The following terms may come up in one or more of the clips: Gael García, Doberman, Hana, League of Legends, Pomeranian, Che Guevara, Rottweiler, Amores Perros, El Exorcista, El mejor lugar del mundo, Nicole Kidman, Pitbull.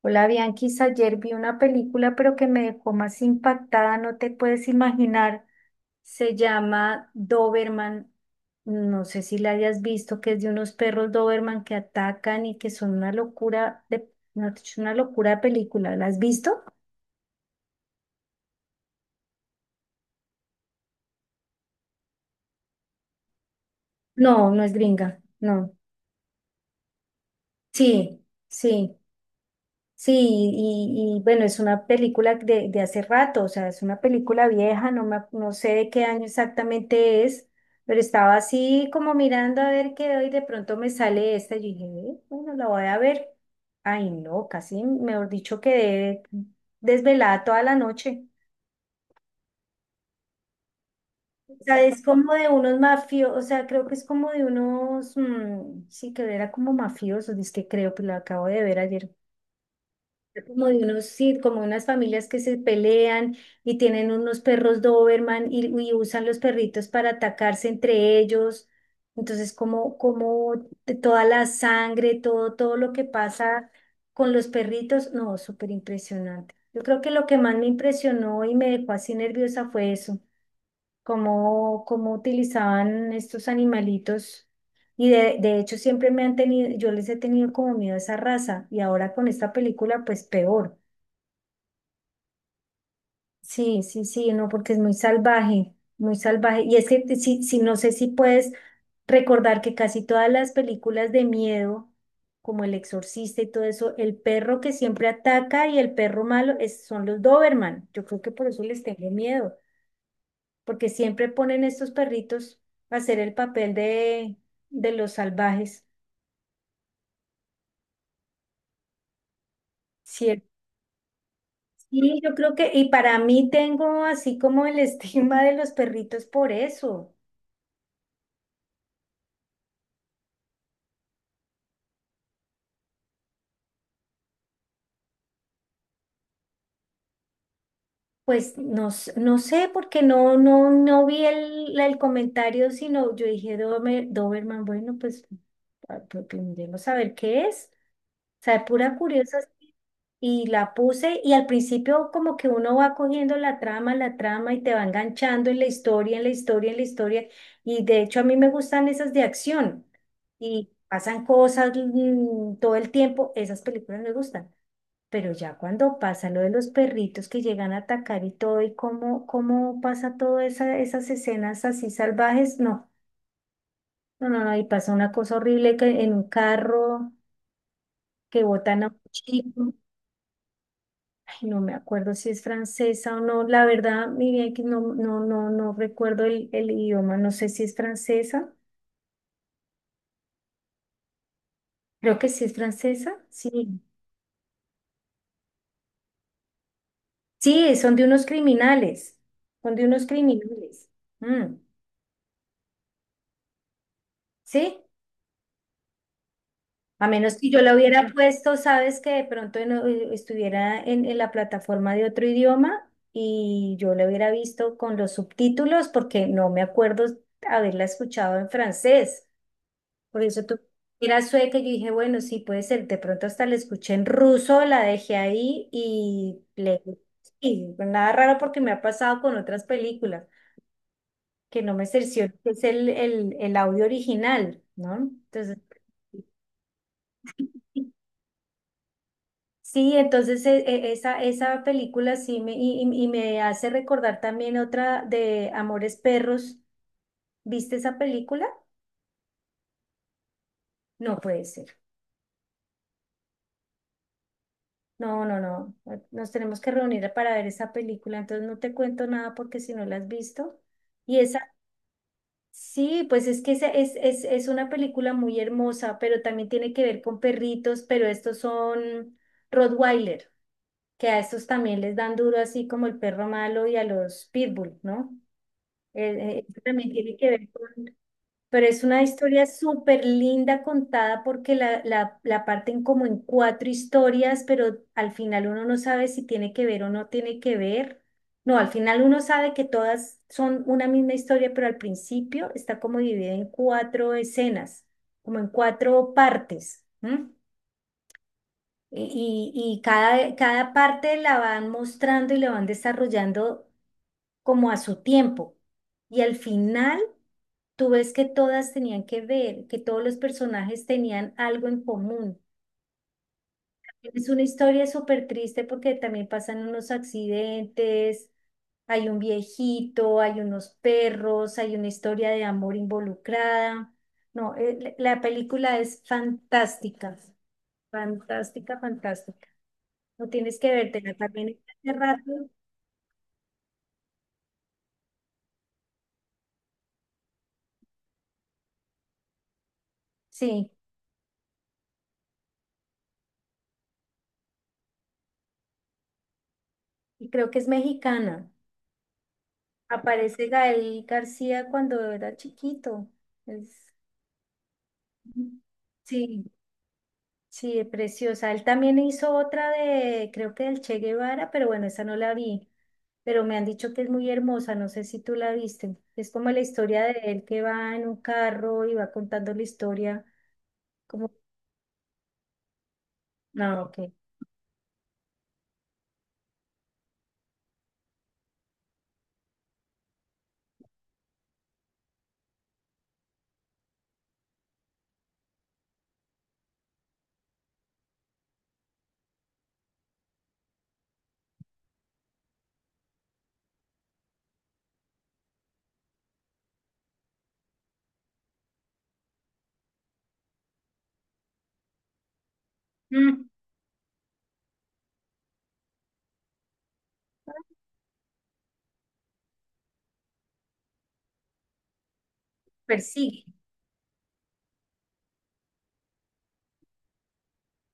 Hola Bianquis, ayer vi una película pero que me dejó más impactada, no te puedes imaginar. Se llama Doberman, no sé si la hayas visto, que es de unos perros Doberman que atacan y que son una locura de, no, es una locura de película. ¿La has visto? No, no es gringa, no. Sí, sí. Sí, y bueno, es una película de hace rato, o sea, es una película vieja, no me, no sé de qué año exactamente es, pero estaba así como mirando a ver qué hoy de pronto me sale esta, y yo dije, Bueno, la voy a ver." Ay, no, casi, mejor dicho, quedé desvelada toda la noche. O sea, es como de unos mafiosos, o sea, creo que es como de unos, mm, sí, que era como mafiosos, es que creo que lo acabo de ver ayer. Como de unos, sí, como unas familias que se pelean y tienen unos perros Doberman y usan los perritos para atacarse entre ellos. Entonces, como de toda la sangre, todo lo que pasa con los perritos, no, súper impresionante. Yo creo que lo que más me impresionó y me dejó así nerviosa fue eso, cómo utilizaban estos animalitos. Y de hecho siempre me han tenido, yo les he tenido como miedo a esa raza y ahora con esta película pues peor. Sí, sí, sí, no, porque es muy salvaje, muy salvaje. Y es que sí, sí, no sé si puedes recordar que casi todas las películas de miedo, como El Exorcista y todo eso, el perro que siempre ataca y el perro malo son los Doberman. Yo creo que por eso les tengo miedo, porque siempre ponen estos perritos a hacer el papel de los salvajes. ¿Cierto? Sí, yo creo que, y para mí tengo así como el estigma de los perritos por eso. Pues no, no sé, porque no, no, no vi el comentario, sino yo dije, Doberman, bueno, pues ah, pues, primero saber qué es, o sea, de pura curiosa", y la puse, y al principio como que uno va cogiendo la trama, y te va enganchando en la historia, en la historia, en la historia, y de hecho a mí me gustan esas de acción, y pasan cosas todo el tiempo, esas películas me gustan. Pero ya cuando pasa lo de los perritos que llegan a atacar y todo, y cómo pasa todas esas escenas así salvajes, no, no, no, no, y pasa una cosa horrible que en un carro que botan a un chico. Ay, no me acuerdo si es francesa o no, la verdad, mi bien que no, no, no, no recuerdo el idioma, no sé si es francesa, creo que sí es francesa, sí. Sí, son de unos criminales, son de unos criminales. Mm. ¿Sí? A menos que yo la hubiera puesto, sabes que de pronto estuviera en la plataforma de otro idioma y yo la hubiera visto con los subtítulos porque no me acuerdo haberla escuchado en francés. Por eso tú era sueca y yo dije, bueno, sí, puede ser. De pronto hasta la escuché en ruso, la dejé ahí y le... Y nada raro porque me ha pasado con otras películas que no me cercioro que es el audio original, ¿no? Entonces... Sí, entonces esa película y me hace recordar también otra de Amores Perros. ¿Viste esa película? No puede ser. No, no, no. Nos tenemos que reunir para ver esa película. Entonces no te cuento nada porque si no la has visto. Y esa, sí, pues es que esa es una película muy hermosa, pero también tiene que ver con perritos, pero estos son Rottweiler, que a estos también les dan duro así como el perro malo y a los Pitbull, ¿no? Eso también tiene que ver con, pero es una historia súper linda contada porque la parten como en cuatro historias, pero al final uno no sabe si tiene que ver o no tiene que ver. No, al final uno sabe que todas son una misma historia, pero al principio está como dividida en cuatro escenas, como en cuatro partes. ¿M? Y cada parte la van mostrando y la van desarrollando como a su tiempo. Y al final... Tú ves que todas tenían que ver, que todos los personajes tenían algo en común. Es una historia súper triste porque también pasan unos accidentes, hay un viejito, hay unos perros, hay una historia de amor involucrada. No, la película es fantástica, fantástica, fantástica. No tienes que vértela también hace rato. Sí, y creo que es mexicana. Aparece Gael García cuando era chiquito. Es... Sí, sí, es preciosa. Él también hizo otra de, creo que del Che Guevara, pero bueno, esa no la vi. Pero me han dicho que es muy hermosa, no sé si tú la viste. Es como la historia de él que va en un carro y va contando la historia, como, no, ok. Mm, persigue.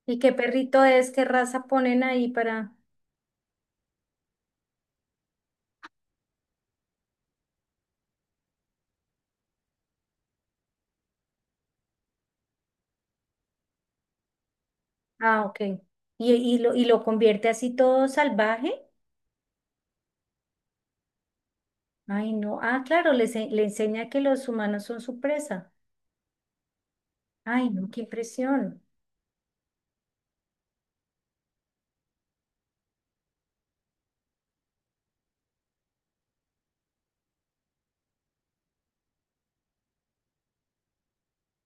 ¿Y qué perrito es? ¿Qué raza ponen ahí para...? Ah, ok. ¿Y lo convierte así todo salvaje? Ay, no. Ah, claro, le enseña que los humanos son su presa. Ay, no, qué impresión.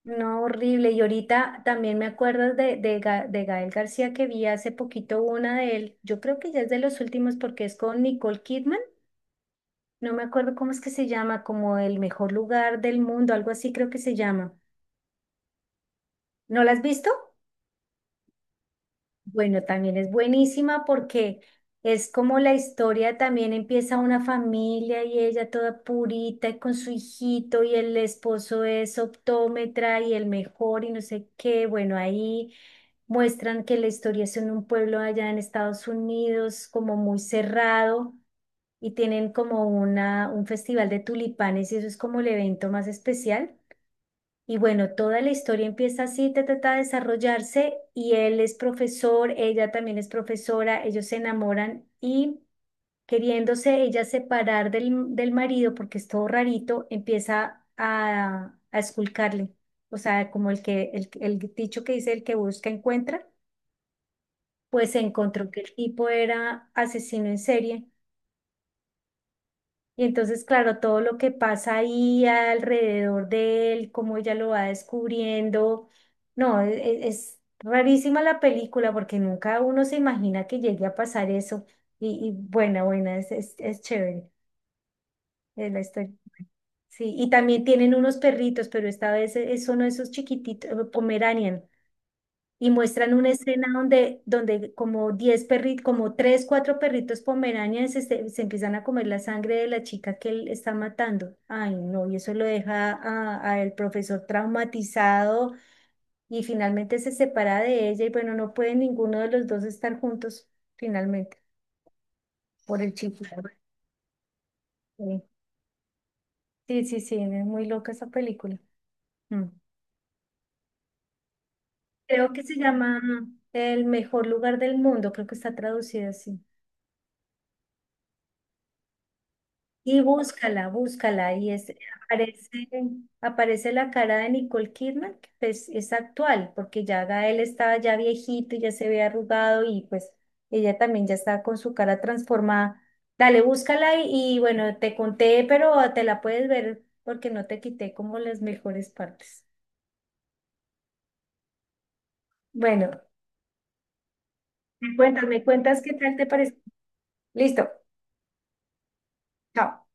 No, horrible. Y ahorita también me acuerdo de Gael García que vi hace poquito una de él. Yo creo que ya es de los últimos porque es con Nicole Kidman. No me acuerdo cómo es que se llama, como el mejor lugar del mundo, algo así creo que se llama. ¿No la has visto? Bueno, también es buenísima porque es como la historia también empieza una familia y ella toda purita y con su hijito y el esposo es optómetra y el mejor y no sé qué. Bueno, ahí muestran que la historia es en un pueblo allá en Estados Unidos como muy cerrado y tienen como una, un festival de tulipanes y eso es como el evento más especial. Y bueno, toda la historia empieza así, ta, ta, ta, a desarrollarse y él es profesor, ella también es profesora, ellos se enamoran y queriéndose ella separar del marido porque es todo rarito, empieza a esculcarle. O sea, como el dicho que dice el que busca encuentra, pues se encontró que el tipo era asesino en serie. Y entonces, claro, todo lo que pasa ahí alrededor de él, cómo ella lo va descubriendo. No, es rarísima la película porque nunca uno se imagina que llegue a pasar eso. Y buena, buena, es chévere la historia. Sí, y también tienen unos perritos, pero esta vez son esos chiquititos, Pomeranian, y muestran una escena donde como 10 perritos, como 3 4 perritos pomeranians se, empiezan a comer la sangre de la chica que él está matando. Ay, no, y eso lo deja a el profesor traumatizado y finalmente se separa de ella y bueno, no puede ninguno de los dos estar juntos finalmente por el chico. Sí, sí, sí, sí, es muy loca esa película. Mm. Creo que se llama El mejor lugar del mundo, creo que está traducida así. Y búscala, búscala. Y es, aparece, aparece la cara de Nicole Kidman, que pues es actual, porque ya Gael estaba ya viejito, y ya se ve arrugado y pues ella también ya está con su cara transformada. Dale, búscala y bueno, te conté, pero te la puedes ver porque no te quité como las mejores partes. Bueno, me cuentas qué tal te parece. Listo, chao.